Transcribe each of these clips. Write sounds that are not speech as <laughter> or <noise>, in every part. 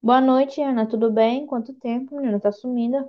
Boa noite, Ana. Tudo bem? Quanto tempo, menina? Tá sumida?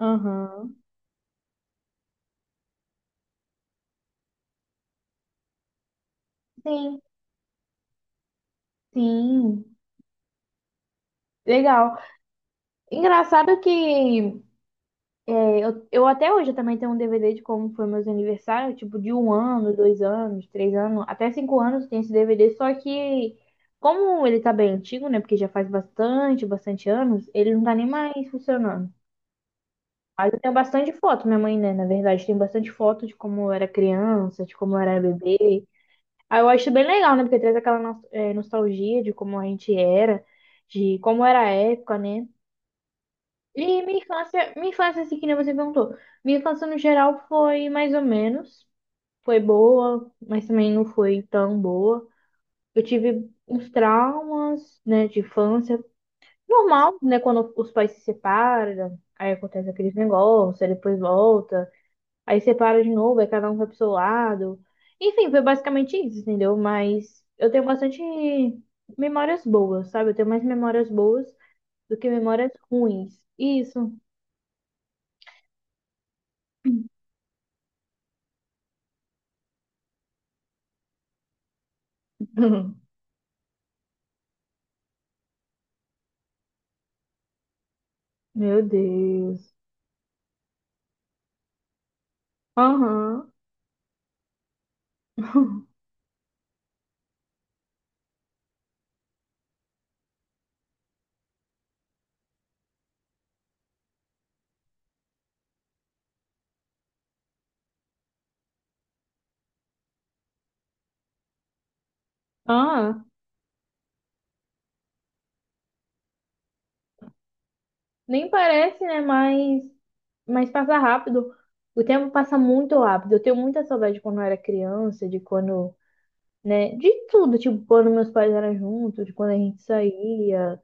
Aham. Sim, sim. Legal. Engraçado que eu até hoje também tenho um DVD de como foi meus aniversários, tipo de um ano, dois anos, três anos, até cinco anos tem esse DVD, só que como ele tá bem antigo, né? Porque já faz bastante anos, ele não tá nem mais funcionando. Eu tenho bastante foto, minha mãe, né? Na verdade, tem bastante foto de como eu era criança, de como eu era bebê. Aí eu acho bem legal, né? Porque traz aquela nostalgia de como a gente era, de como era a época, né? E minha infância, assim, que nem você perguntou. Minha infância, no geral, foi mais ou menos. Foi boa, mas também não foi tão boa. Eu tive uns traumas, né, de infância. Normal, né? Quando os pais se separam, aí acontece aqueles negócios, aí depois volta. Aí separa de novo, aí cada um vai pro seu lado. Enfim, foi basicamente isso, entendeu? Mas eu tenho bastante memórias boas, sabe? Eu tenho mais memórias boas do que memórias ruins. Isso. <laughs> Meu Deus. Aham. <laughs> Ah, nem parece, né? Mas passa rápido. O tempo passa muito rápido. Eu tenho muita saudade de quando eu era criança, de quando, né? De tudo, tipo, quando meus pais eram juntos, de quando a gente saía,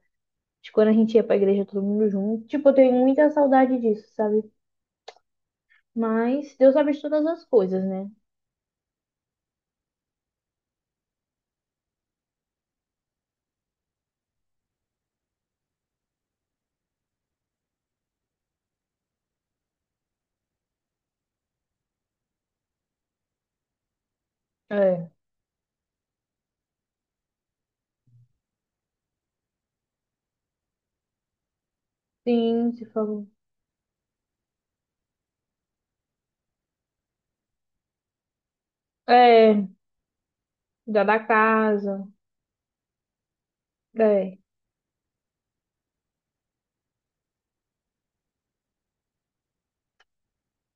de quando a gente ia pra igreja todo mundo junto. Tipo, eu tenho muita saudade disso, sabe? Mas Deus sabe de todas as coisas, né? É. Sim, se falou. É, cuidar da casa. É.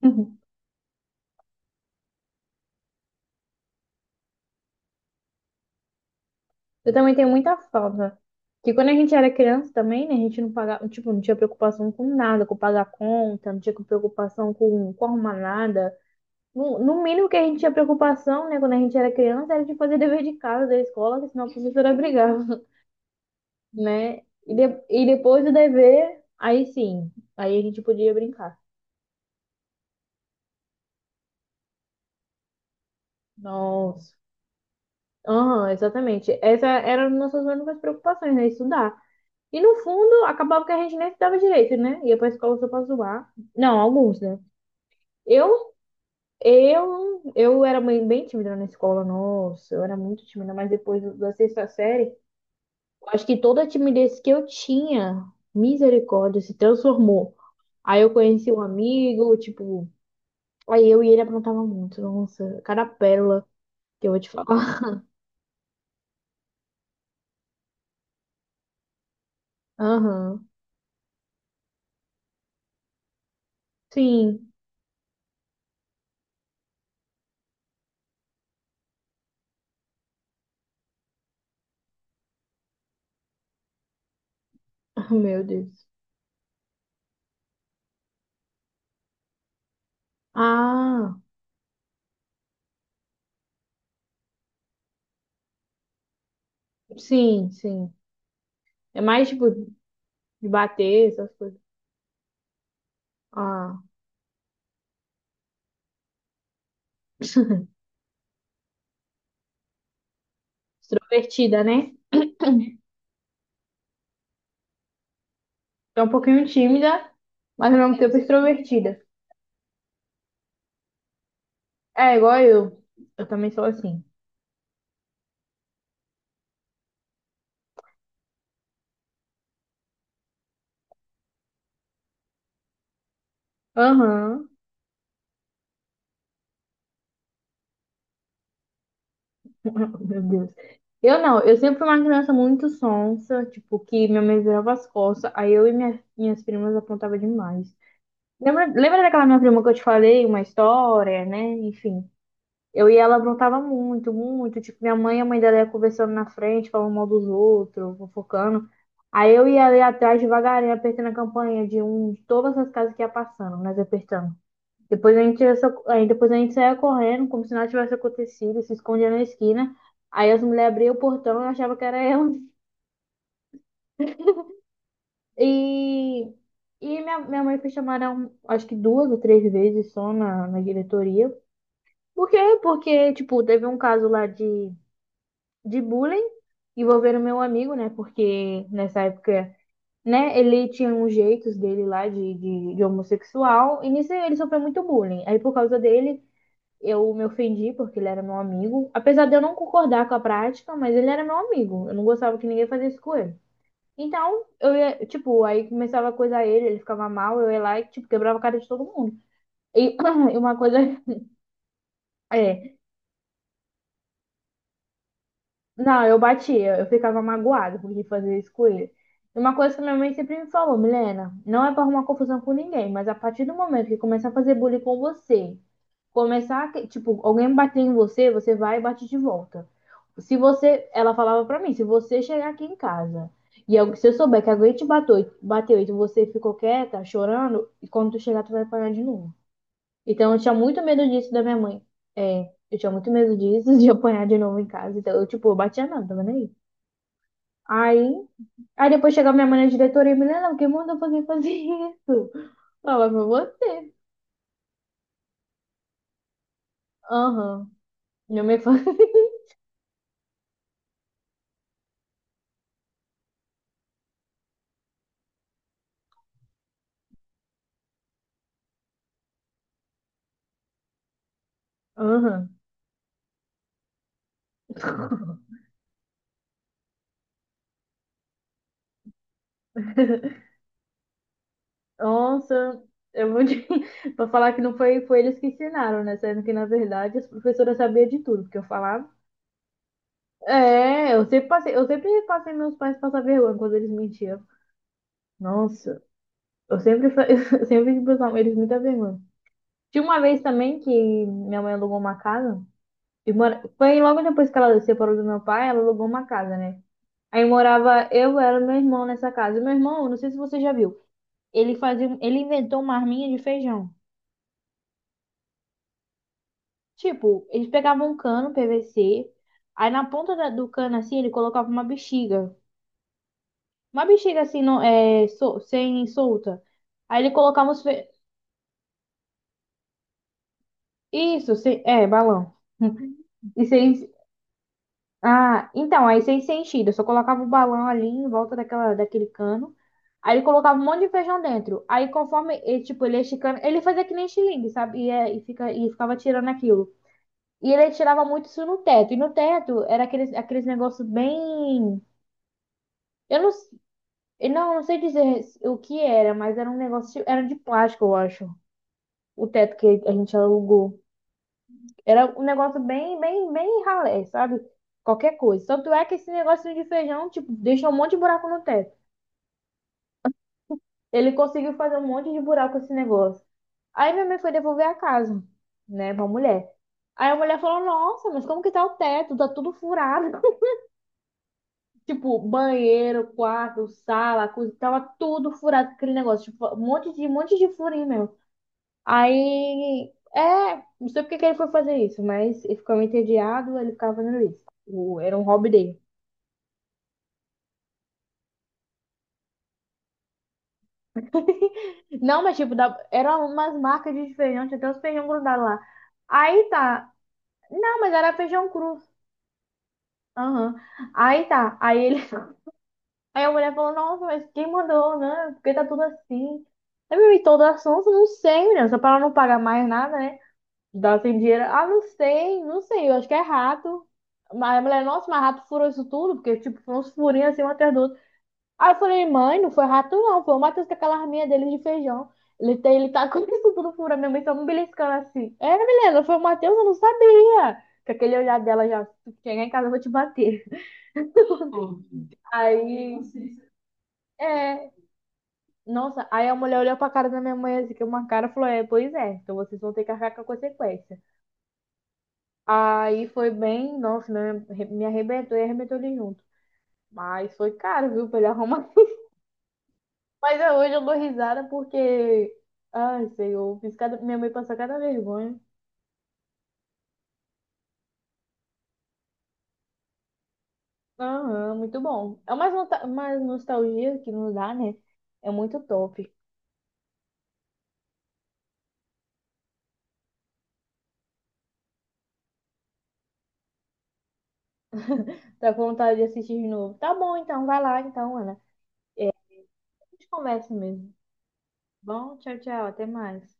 <laughs> Eu também tenho muita falta. Que quando a gente era criança também, né, a gente não pagava, tipo, não tinha preocupação com nada, com pagar conta, não tinha preocupação com arrumar nada. No mínimo que a gente tinha preocupação, né, quando a gente era criança, era de fazer dever de casa, da escola, que senão a professora brigava, né? E depois do dever, aí sim, aí a gente podia brincar. Nossa. Aham, exatamente. Essa era uma das nossas únicas preocupações, né? Estudar. E no fundo, acabava que a gente nem estudava direito, né? Ia pra escola só pra zoar. Não, alguns, né? Eu, eu era bem tímida na escola, nossa, eu era muito tímida, mas depois da sexta série, acho que toda a timidez que eu tinha, misericórdia, se transformou. Aí eu conheci um amigo, tipo, aí eu e ele aprontava muito, nossa, cada pérola que eu vou te falar. <laughs> Aham, sim, ah, meu Deus. Ah, sim, sim. É mais tipo de bater, essas coisas. Ah, extrovertida, né? É um pouquinho tímida, mas ao mesmo tempo extrovertida. É, igual eu. Eu também sou assim. Aham, <laughs> Meu Deus. Eu não, eu sempre fui uma criança muito sonsa, tipo, que minha mãe virava as costas, aí eu e minhas primas apontava demais. Lembra daquela minha prima que eu te falei, uma história, né? Enfim. Eu e ela aprontava muito. Tipo, minha mãe e a mãe dela ia conversando na frente, falando mal dos outros, fofocando. Aí eu ia ali atrás devagarinho, apertando a campainha de um de todas as casas que ia passando, nós apertando. Depois a gente, aí depois a gente saía correndo, como se nada tivesse acontecido, se escondia na esquina. Aí as mulheres abriam o portão e achavam que era ela. E, e minha mãe foi chamada, acho que duas ou três vezes só na diretoria. Por quê? Porque, tipo, teve um caso lá de bullying envolvendo meu amigo, né? Porque nessa época, né, ele tinha uns jeitos dele lá de homossexual. E nisso ele sofreu muito bullying. Aí por causa dele, eu me ofendi porque ele era meu amigo. Apesar de eu não concordar com a prática, mas ele era meu amigo. Eu não gostava que ninguém fazia isso com ele. Então, eu ia, tipo, aí começava a coisar ele, ele ficava mal, eu ia lá e, tipo, quebrava a cara de todo mundo. E <clears throat> e uma coisa é, não, eu batia, eu ficava magoada porque fazia isso com ele. E uma coisa que minha mãe sempre me falou, Milena, não é pra arrumar confusão com ninguém, mas a partir do momento que começar a fazer bullying com você, começar, tipo, alguém bater em você, você vai e bate de volta. Se você, ela falava pra mim, se você chegar aqui em casa e se eu souber que alguém te bateu, bateu e você ficou quieta, chorando, e quando tu chegar, tu vai apanhar de novo. Então eu tinha muito medo disso da minha mãe. É, eu tinha muito medo disso, <laughs> de apanhar de novo em casa. Então eu, tipo, eu batia nada, tava nem aí. Aí, aí depois chegava minha mãe na diretoria e me não, quem mandou você fazer <laughs> isso? Ela foi você. Aham. Minha mãe fala: aham. <laughs> Nossa, eu vou te... <laughs> pra falar que não foi, foi eles que ensinaram, né? Sendo que, na verdade, as professoras sabiam de tudo, porque eu falava. É, eu sempre passei meus pais passar vergonha quando eles mentiam. Nossa. Eu sempre, <laughs> eu sempre fiz pros eles muita vergonha. Tinha uma vez também que minha mãe alugou uma casa. E foi logo depois que ela se separou do meu pai, ela alugou uma casa, né? Aí morava eu, ela e meu irmão nessa casa. E meu irmão, não sei se você já viu, ele inventou uma arminha de feijão. Tipo, eles pegavam um cano PVC, aí na ponta do cano assim, ele colocava uma bexiga. Uma bexiga assim, sem solta. Aí ele colocava isso, sem... é, balão. <laughs> E sem, ah, então, aí sem sentido. Eu só colocava o balão ali em volta daquele cano. Aí ele colocava um monte de feijão dentro. Aí conforme ele, tipo, ele ia esticando, ele fazia que nem xilingue, sabe? E ficava tirando aquilo. E ele tirava muito isso no teto. E no teto era aqueles negócios bem. Eu não, s- eu não, não sei dizer o que era, mas era um negócio. Era de plástico, eu acho. O teto que a gente alugou. Era um negócio bem ralé, sabe? Qualquer coisa. Tanto é que esse negocinho de feijão, tipo, deixou um monte de buraco no teto. Ele conseguiu fazer um monte de buraco esse negócio. Aí minha mãe foi devolver a casa, né, pra mulher. Aí a mulher falou: nossa, mas como que tá o teto? Tá tudo furado. <laughs> Tipo, banheiro, quarto, sala, coisa, tava tudo furado aquele negócio. Tipo, um monte de furinho mesmo. Aí, é, não sei porque que ele foi fazer isso, mas ele ficou entediado, ele ficava fazendo isso. Era um hobby dele. Não, mas tipo, da, era umas marcas de feijão, tinha até uns feijão grudado lá. Aí tá, não, mas era feijão cru. Aham. Aí tá, aí ele, <laughs> aí a mulher falou, nossa, mas quem mandou, né? Porque tá tudo assim. Eu me toda assunto, não sei, menina, só pra ela não pagar mais nada, né? Dá sem dinheiro. Ah, não sei, não sei, eu acho que é rato. Mas a mulher, nossa, mas rato furou isso tudo, porque, tipo, foram uns furinhos assim, um atrás do outro. Aí eu falei, mãe, não foi rato não, foi o Matheus com aquela arminha dele de feijão. Ele tá <laughs> com isso tudo furado, minha mãe tá me beliscando assim. É, menina, foi o Matheus, eu não sabia. Com aquele olhar dela já, se chegar em casa eu vou te bater. Aí, é, nossa, aí a mulher olhou pra cara da minha mãe assim, que uma cara e falou, é, pois é, então vocês vão ter que arcar com a consequência. Aí foi bem, nossa, me arrebentou e arrebentou ele junto. Mas foi caro, viu, pra ele arrumar. <laughs> Mas é, hoje eu dou risada porque, ai, Senhor, fiz cada... minha mãe passou cada vergonha. Aham, muito bom. É mais mais nostalgia que nos dá, né? É muito top. Tá com vontade de assistir de novo. Tá bom, então, vai lá, então, Ana. A gente conversa mesmo. Bom, tchau, tchau, até mais.